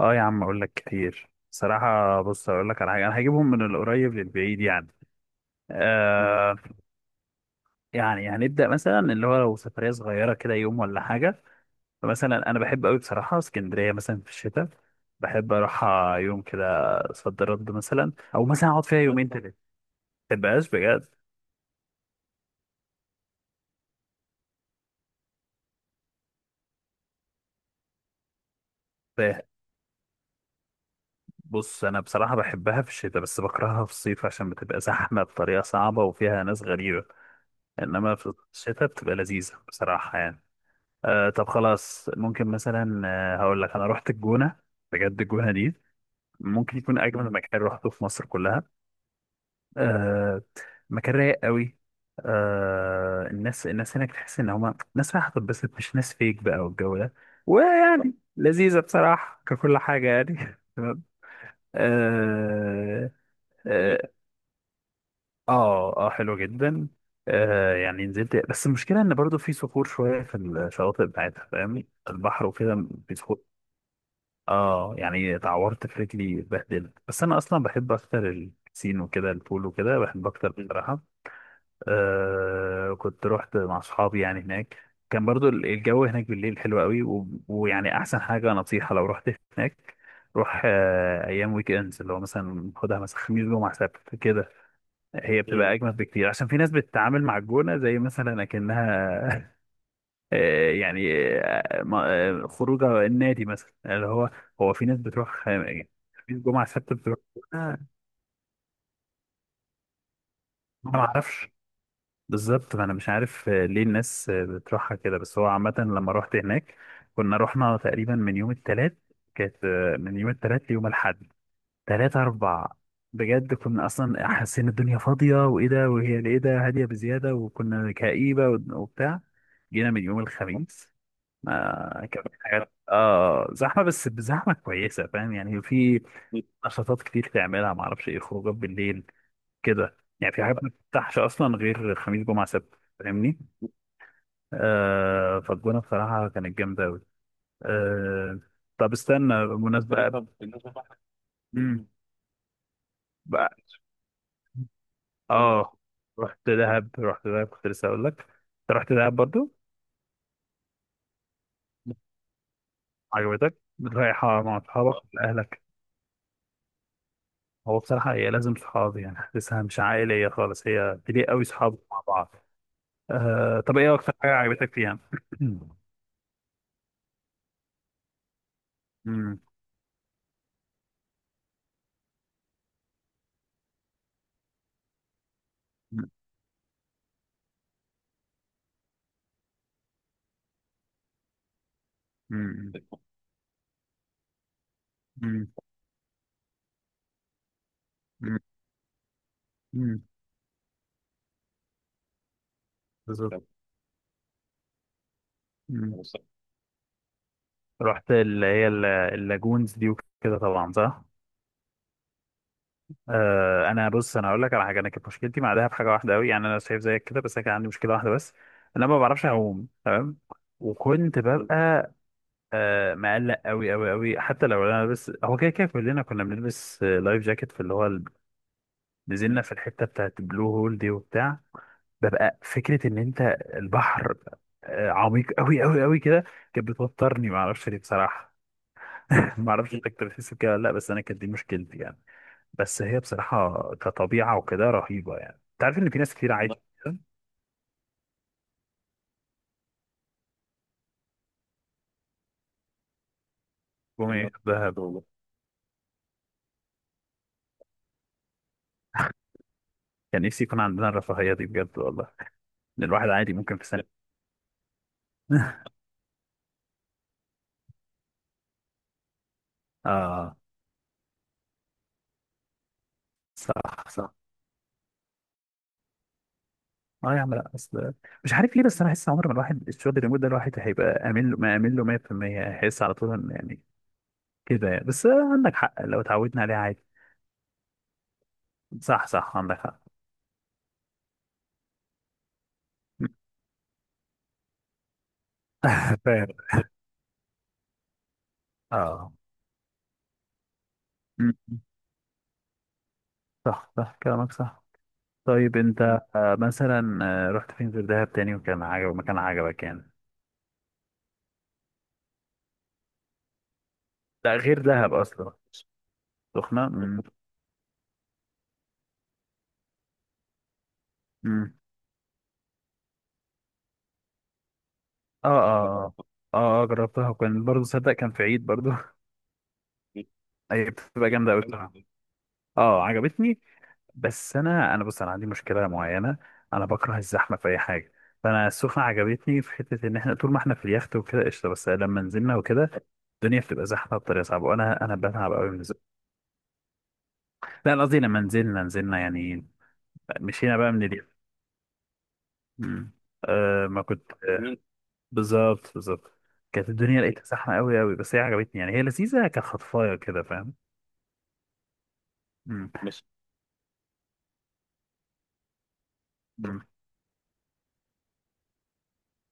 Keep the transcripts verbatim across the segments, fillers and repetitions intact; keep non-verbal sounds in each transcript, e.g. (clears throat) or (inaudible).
اه يا عم، اقول لك كتير صراحة. بص، اقول لك على حاجة، انا هجيبهم من القريب للبعيد يعني. مم. آه. يعني هنبدأ مثلا اللي هو لو سفرية صغيرة كده، يوم ولا حاجة. فمثلا انا بحب قوي بصراحة اسكندرية مثلا في الشتاء. بحب اروح يوم كده، صد رد، مثلا او مثلا اقعد فيها يومين تلاتة. ما تبقاش بجد. ف- بص، انا بصراحة بحبها في الشتاء بس بكرهها في الصيف عشان بتبقى زحمة بطريقة صعبة وفيها ناس غريبة. انما في الشتاء بتبقى لذيذة بصراحة يعني. آه، طب خلاص ممكن مثلا. آه هقول لك انا رحت الجونه. بجد الجونه دي ممكن يكون اجمل مكان رحته في مصر كلها. آه. مكان رايق قوي. آه، الناس الناس هناك تحس ان هما ناس رايحه تتبسط، مش ناس فيك بقى والجو ده، ويعني لذيذه بصراحه ككل حاجه يعني. (laughs) تمام. اه. اه. آه، آه، حلو جدا. آه، يعني نزلت. بس المشكله ان برضو في صخور شويه في الشواطئ بتاعتها، فاهمني، البحر وكده في صخور. اه يعني اتعورت في رجلي، اتبهدلت، بس انا اصلا بحب اكتر البسين وكده، البول وكده بحب اكتر مم. بصراحه. آه، كنت رحت مع اصحابي يعني هناك. كان برضو ال- الجو هناك بالليل حلو قوي و... ويعني احسن حاجه نصيحه لو رحت هناك، روح آه ايام ويك اندز، اللي هو مثلا خدها مثلا خميس جمعه سبت كده. هي مم. بتبقى اجمد بكتير عشان في ناس بتتعامل مع الجونه زي مثلا اكنها. آه، يعني آه، ما- آه، خروجه النادي مثلا اللي هو، هو في ناس بتروح. آه، يعني في جمعة سبت بتروح. آه، انا ما اعرفش بالظبط، ما انا مش عارف آه، ليه الناس آه، بتروحها كده. بس هو عامة لما رحت هناك كنا رحنا تقريبا من يوم التلات. كانت آه، من يوم التلات ليوم الاحد، تلات اربع، بجد كنا اصلا حاسين الدنيا فاضية وايه ده، وهي ايه ده، هادية بزيادة وكنا كئيبة وبتاع. جينا من يوم الخميس، ما كان في حاجات، اه زحمه، بس بزحمه كويسه، فاهم يعني، في نشاطات كتير تعملها، ما اعرفش ايه، خروجات بالليل كده يعني. في حاجات ما بتفتحش اصلا غير خميس جمعه سبت، فاهمني. آه، فالجونه بصراحه كانت جامده قوي. آه. طب استنى بالمناسبه، طب بالنسبه بقى امم بقى- اه، رحت دهب رحت دهب كنت لسه اقول لك، انت رحت دهب برضو؟ عجبتك؟ رايحه مع اصحابك ولا اهلك؟ هو بصراحة هي لازم صحاب يعني، حاسسها مش عائلية خالص، هي بليق قوي صحاب مع بعض. آه طب ايه أكتر حاجة عجبتك فيها؟ (clears throat) مم، مم، مم، مم، مم، مم، بالظبط. مم. رحت اللي هي ال- اللاجونز دي وكده طبعا صح؟ آه، انا بص، انا هقول لك على حاجة. انا كانت مشكلتي مع دهب حاجة واحدة قوي يعني، انا شايف زيك كده بس انا كان عندي مشكلة واحدة بس، إن انا ما بعرفش اعوم تمام. وكنت ببقى آه مقلق قوي قوي قوي حتى لو انا بس، هو كده كده كلنا كنا بنلبس آه، لايف جاكيت في اللي هو ال- نزلنا في الحته بتاعت بلو هول دي وبتاع. ببقى فكره ان انت البحر آه عميق قوي قوي قوي كده، كانت بتوترني، ما اعرفش ليه بصراحه. (laughs) ما اعرفش انت كنت بتحس بكده ولا لا، بس انا كانت دي مشكلتي يعني. بس هي بصراحه كطبيعه وكده رهيبه يعني، انت عارف ان في ناس كتير عادي. والله جم والله ياخدوها والله. كان نفسي يكون عندنا الرفاهيه دي بجد والله، ان الواحد عادي ممكن في سنه. (laughs) اه. صح، صح. اه يا عم، لا اصل مش عارف ليه، بس انا احس عمر ما الواحد الشغل الريموت ده الواحد هيبقى امين له ما امين له مية في المية. هيحس على طول ان يعني كده يعني. بس عندك حق لو اتعودنا عليه عادي. صح، صح، عندك حق. (laughs) فاهم. اه. م- م. صح، صح، كلامك صح. طيب انت آه، مثلا آه، رحت فين غير دهب تاني وكان عجبك مكان عجبك يعني. لا غير دهب اصلا. سخنة م- م. اه، اه، اه، اه، آه، جربتها وكان برضه صدق كان في عيد برضه. (laughs) هي بتبقى جامدة قوي بصراحة. اه عجبتني. بس انا انا بص انا عندي مشكله معينه. انا بكره الزحمه في اي حاجه. فانا السخنه عجبتني في حته ان احنا طول ما احنا في اليخت وكده قشطه، بس لما نزلنا وكده الدنيا بتبقى زحمه بطريقه صعبه، وانا انا بتعب قوي من الزحمه. لا أنا قصدي لما نزلنا، نزلنا يعني مشينا بقى من اليخت. أمم. آه ما كنت آه بالظبط، بالظبط. كانت الدنيا لقيتها زحمه قوي قوي، بس هي عجبتني يعني، هي لذيذه كخطفايه كده فاهم. أمم. أمم.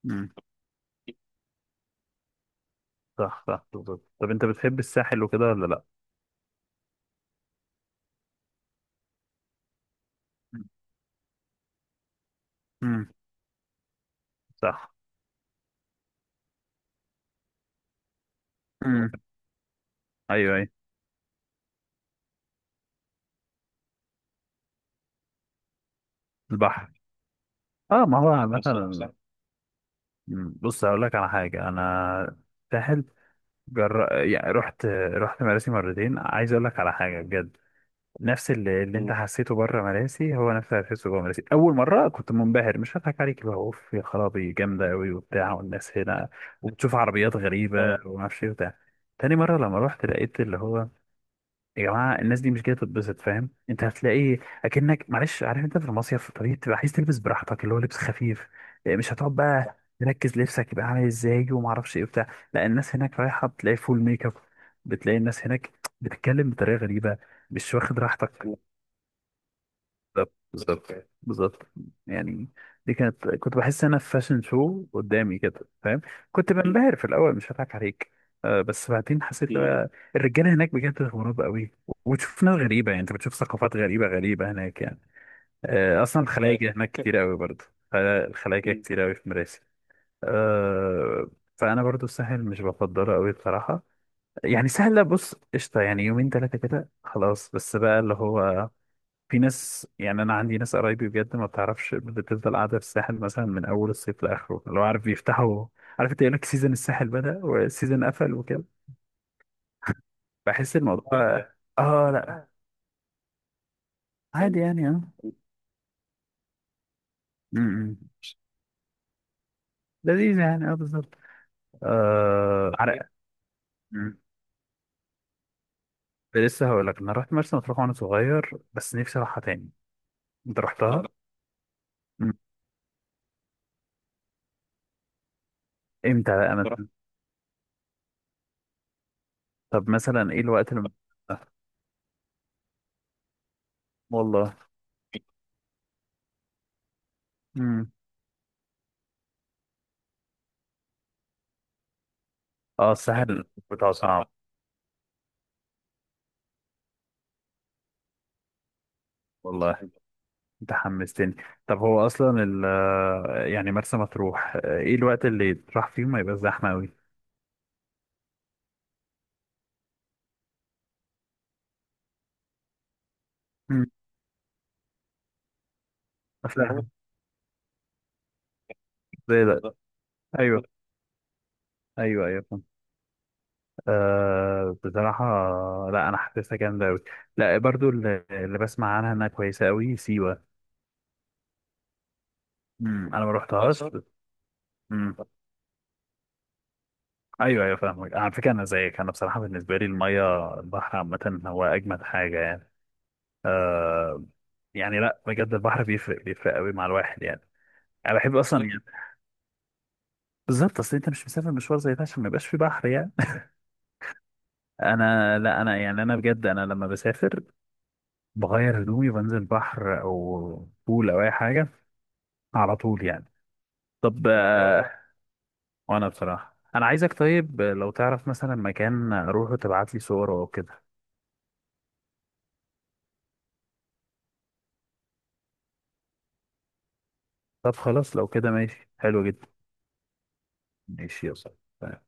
أمم. صح، صح، بالظبط. طب انت بتحب الساحل وكده ولا لا؟ أمم. صح. ايوه، ايوه. البحر، اه، ما هو نفس مثلا المسافة. مم، بص هقول لك على حاجه انا، ساحل، جر... يعني رحت رحت مراسي مرتين، عايز اقول لك على حاجه بجد. نفس اللي, اللي انت مم. حسيته بره مراسي هو نفس اللي حسيته جوه مراسي. اول مره كنت منبهر، مش هضحك عليك، اللي هو اوف يا خرابي، جامده قوي وبتاع، والناس هنا، وبتشوف عربيات غريبه اه وما اعرفش ايه وبتاع. تاني مره لما رحت لقيت اللي هو، يا جماعه الناس دي مش جايه تتبسط، فاهم، انت هتلاقي اكنك معلش، عارف انت في المصيف طبيعي تبقى عايز تلبس براحتك، اللي هو لبس خفيف. إيه، مش هتقعد بقى تركز لبسك يبقى عامل ازاي وما اعرفش ايه بتاع. لا الناس هناك رايحه، بتلاقي فول ميك اب، بتلاقي الناس هناك بتتكلم بطريقه غريبه، مش واخد راحتك. بالظبط يعني. دي كانت كنت بحس انا في فاشن شو قدامي كده فاهم. كنت بنبهر في الاول، مش هضحك عليك. آه بس بعدين حسيت مم. بقى الرجاله هناك بجد غراب قوي. وتشوف ناس غريبه يعني، انت بتشوف ثقافات غريبه غريبه هناك يعني. آه اصلا. آه. الخلايجه هناك كتير (laughs) قوي برضه. الخلايجه مم. كتير قوي في مراسي. آه، فانا برضو الساحل مش بفضله قوي بصراحه. يعني سهل، بص قشطه يعني، يومين ثلاثه كده خلاص، بس بقى اللي هو، في ناس يعني، انا عندي ناس قرايبي بجد ما بتعرفش، بتفضل قاعده في الساحل مثلا من اول الصيف لاخره، لو عارف بيفتحوا، عارف، انت يقول لك سيزون الساحل بدأ وسيزون قفل وكده. بحس الموضوع اه لا عادي يعني اه. م- م. لذيذ يعني اه بالظبط. آه عرق. م. لسه هقول لك، انا رحت مرسى مطروح وانا صغير بس نفسي اروحها تاني. انت رحتها؟ م. امتى بقى مثلا؟ طب مثلا ايه الوقت اللي؟ والله. م. اه الساحل بتاعه صعب. والله انت حمستني. طب هو اصلا ال آه، يعني مرسى مطروح، آه، ايه الوقت اللي تروح فيه ما يبقى زحمه قوي؟ مم. هو فاهم. (laughs) زي ده. ايوه، ايوه، ايوه، فاهم. آه بصراحه لا انا حاسسها جامده قوي. لا برضو اللي, اللي بسمع عنها انها كويسه قوي، سيوه. مم. انا ما رحتهاش مرسى. مم. ايوه، ايوه، فاهمك على فكره، انا زيك. انا بصراحه بالنسبه لي الميه، البحر عامه هو اجمد حاجه يعني. آه، يعني لا بجد البحر بيفرق، بيفرق قوي مع الواحد يعني. انا بحب اصلا. بالظبط، اصل انت مش مسافر مشوار زي ده عشان ما يبقاش في بحر يعني. انا لا انا يعني انا بجد انا لما بسافر بغير هدومي وبنزل بحر او بول او اي حاجه على طول يعني. طب آه، اه وانا بصراحه انا عايزك، طيب لو تعرف مثلا مكان اروحه تبعت لي صور او كده. طب خلاص لو كده ماشي، حلو جدا. ماشي، يلا.